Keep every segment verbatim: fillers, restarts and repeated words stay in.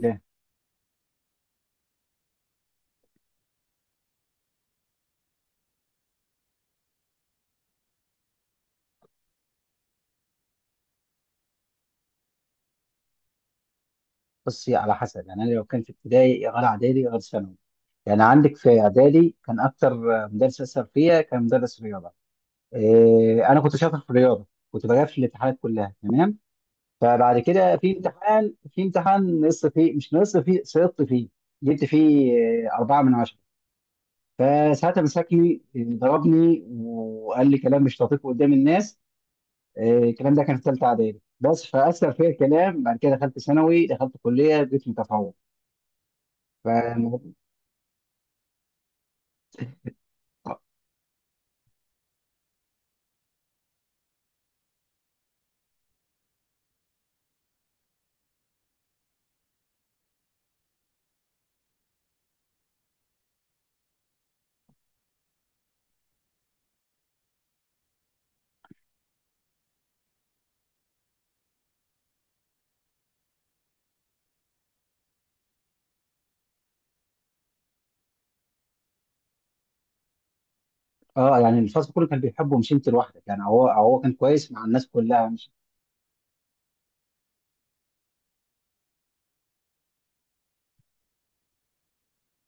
ليه؟ بصي، على حسب. يعني انا لو كان في ابتدائي غير اعدادي غير ثانوي. يعني عندك في اعدادي كان اكتر مدرس اثر فيا كان مدرس رياضه. إيه انا كنت شاطر في الرياضه، كنت بجاوب في الامتحانات كلها تمام. فبعد كده في امتحان في امتحان نقصت فيه، مش نقصت فيه، سقطت فيه. جبت فيه إيه، أربعة من عشرة. فساعتها مسكني إيه، ضربني وقال لي كلام مش لطيف قدام الناس. إيه، الكلام ده كان في ثالثه اعدادي، بس فاثر فيا الكلام. بعد كده دخلت ثانوي، دخلت كليه، بقيت متفوق. ف اه، يعني الفصل كله كان بيحبه مش انت لوحدك، يعني هو هو كان كويس مع الناس كلها، مش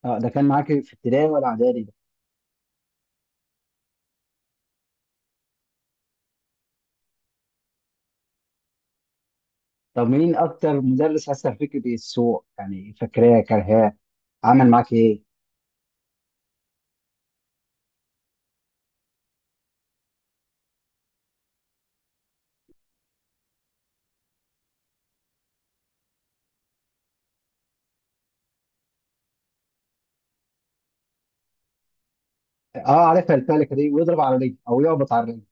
اه. ده كان معاك في ابتدائي ولا اعدادي ده؟ طب مين اكتر مدرس اثر فيك بالسوء؟ يعني فاكراه كرهاه، عمل معاك ايه؟ اه عارفها الفلكه دي، ويضرب على رجلي او يخبط على رجلي.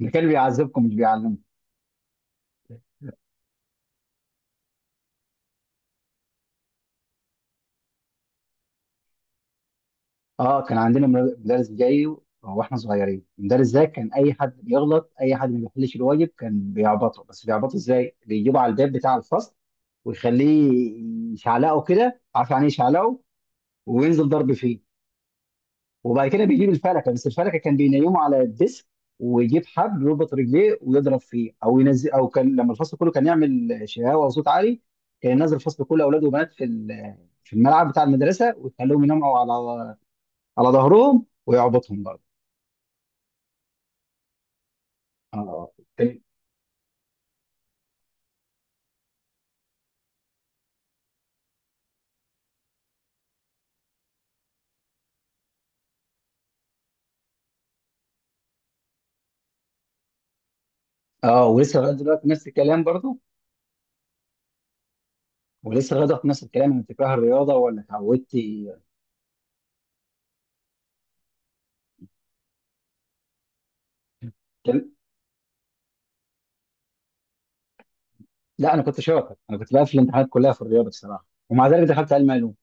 ده كان بيعذبكم مش بيعلمكم. اه كان عندنا مر- مدرس جاي، و- واحنا صغيرين. المدرس ده كان اي حد بيغلط، اي حد ما بيحلش الواجب كان بيعبطه. بس بيعبطه ازاي؟ بيجيبه على الباب بتاع الفصل، ويخليه يشعلقه كده. عارف يعني إيه يشعلقه؟ وينزل ضرب فيه. وبعد كده بيجيب الفلكه. بس الفلكه كان بينيمه على الديسك، ويجيب حبل يربط رجليه ويضرب فيه او ينزل. او كان لما الفصل كله كان يعمل شهاوه وصوت عالي، كان ينزل الفصل كله اولاد وبنات في ال- في الملعب بتاع المدرسه، ويخليهم يناموا على على ظهرهم ويعبطهم برضه. اه كان- اه، ولسه لغايه دلوقتي نفس الكلام برضه. ولسه لغايه دلوقتي نفس الكلام، انت بتكره الرياضه ولا اتعودت؟ لا انا كنت شاطر، انا كنت بقفل الامتحانات كلها في الرياضه بصراحه، ومع ذلك دخلت علم علوم.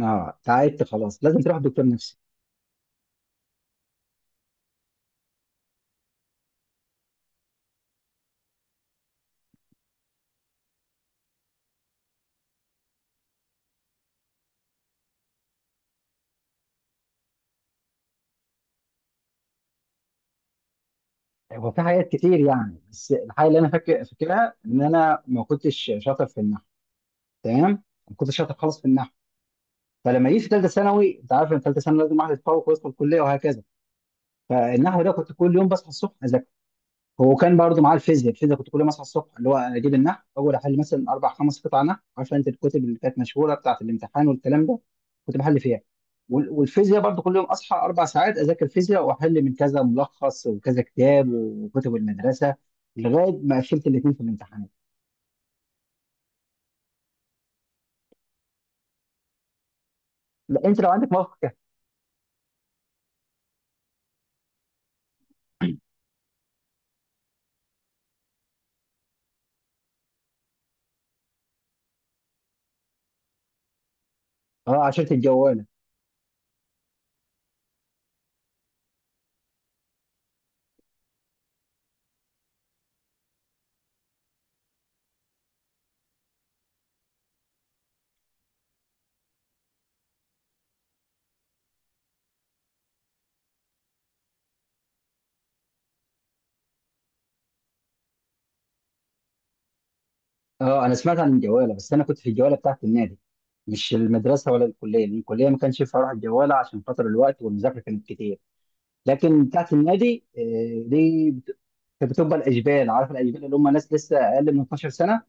اه تعبت خلاص، لازم تروح دكتور نفسي. هو في حاجات كتير يعني، بس الحاجه اللي انا فاكر فاكرها ان انا ما كنتش شاطر في النحو. تمام، ما كنتش شاطر خالص في النحو. فلما جيت في ثالثه ثانوي، انت عارف ان ثالثه ثانوي لازم واحد يتفوق ويدخل الكليه وهكذا. فالنحو ده كنت كل يوم بصحى الصبح اذاكر. هو كان برضه معاه الفيزياء. الفيزياء كنت كل يوم اصحى الصبح، اللي هو اجيب النحو اول، احل مثلا اربع خمس قطع نحو. عارفه انت الكتب اللي كانت مشهوره بتاعه الامتحان والكلام ده، كنت بحل فيها. وال- والفيزياء برضه كل يوم اصحى اربع ساعات اذاكر فيزياء، واحل من كذا ملخص وكذا كتاب وكتب المدرسه، لغايه ما قفلت الاثنين في الامتحانات. لا انت لو عندك موقف كده. اه، عشرة الجواله. اه انا سمعت عن الجواله، بس انا كنت في الجواله بتاعه النادي، مش المدرسه ولا الكليه، لأن الكليه ما كانش ينفع اروح الجواله عشان خاطر الوقت والمذاكره كانت كتير. لكن بتاعت النادي آه، دي بت- كانت بتبقى الاجبال. عارف الاجبال؟ اللي هم ناس لسه اقل من اثنا عشر سنه.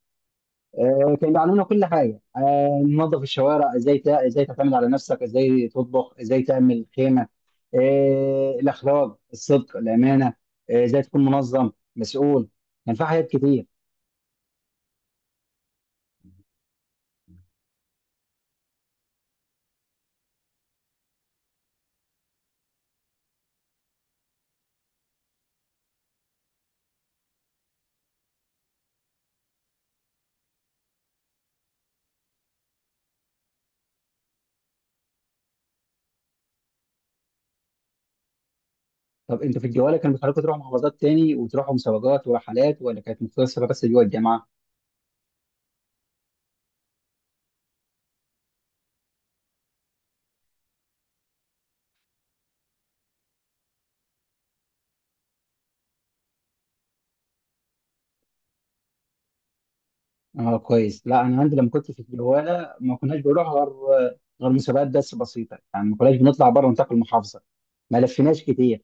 آه، كانوا بيعلمونا كل حاجه، آه، ننظف الشوارع ازاي، تع- ازاي تعتمد على نفسك، ازاي تطبخ، ازاي تعمل خيمه، آه، الاخلاق، الصدق، الامانه، آه، ازاي تكون منظم، مسؤول. كان في حاجات كتير. طب انتوا في الجواله كانوا بيخلوكوا تروحوا محافظات تاني وتروحوا مسابقات ورحلات، ولا كانت مقتصره بس جوه الجامعه؟ اه كويس. لا انا عندي لما كنت في الجواله ما كناش بنروح غير غير مسابقات بس بسيطه، يعني ما كناش بنطلع بره نطاق المحافظه، ما لفيناش كتير.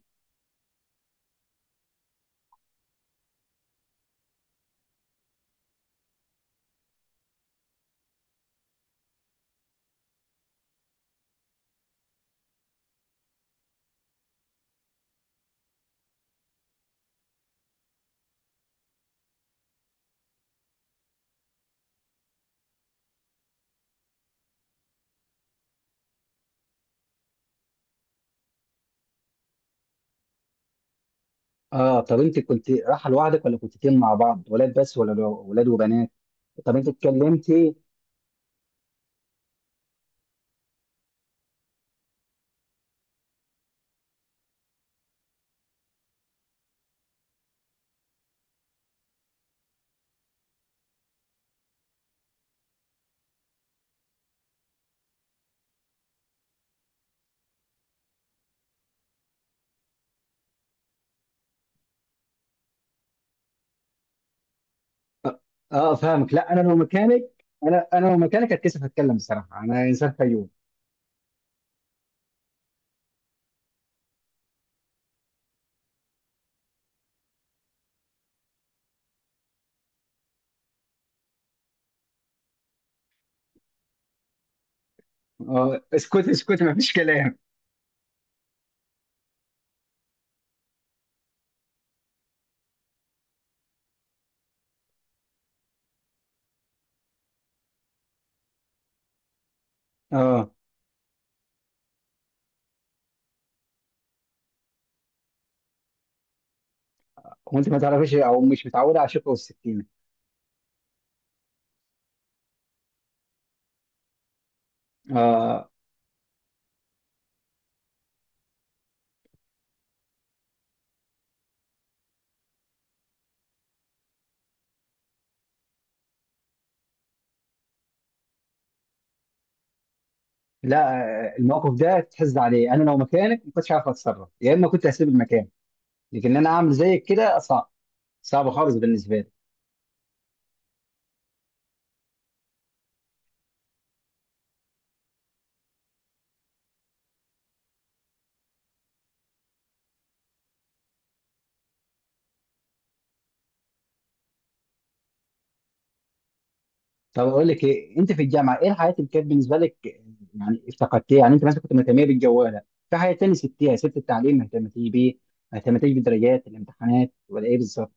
اه طب انت كنت رايحه لوحدك ولا كنت تيم مع بعض ولاد بس، ولا لو- ولاد وبنات؟ طب انت اتكلمتي؟ اه فاهمك. لا انا لو مكانك، انا انا لو مكانك هتكسف اتكلم، بصراحه انا انسان. فيوم اه، اسكت اسكت، ما فيش كلام. اه وانت ما تعرفيش او مش متعوده على الشوكه والسكينه؟ اه لا، آه، الموقف ده تحز عليه، انا لو مكانك ما كنتش عارف اتصرف، يا اما كنت هسيب المكان، لكن انا اعمل زيك كده صعب، صعب خالص بالنسبه لي. طب اقول لك ايه؟ انت في الجامعه ايه الحياه اللي كانت بالنسبه لك؟ يعني افتقدتيها؟ يعني انت مثلا كنت مهتميه بالجواله في حياه تانية، سبتيها؟ سبت التعليم، ما اهتمتي بيه؟ ما اهتمتيش بالدرجات الامتحانات ولا ايه بالظبط؟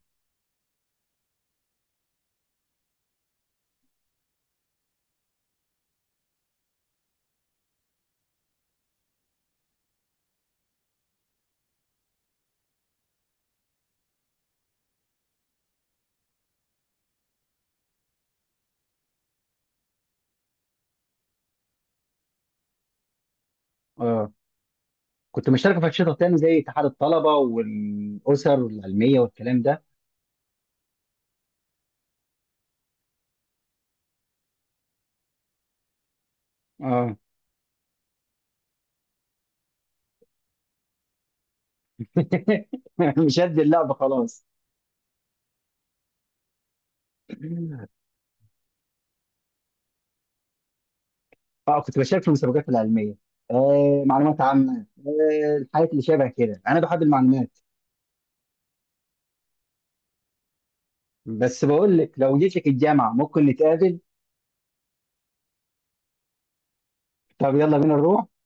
اه كنت مشتركه في انشطه تانية زي اتحاد الطلبه والاسر العلميه والكلام ده. اه مش قد اللعبه خلاص. اه كنت بشارك في المسابقات العلميه، آه معلومات عامه، آه الحاجات اللي شبه كده. انا بحب المعلومات. بس بقول لك لو جيت لك الجامعه ممكن نتقابل. طب يلا بينا نروح.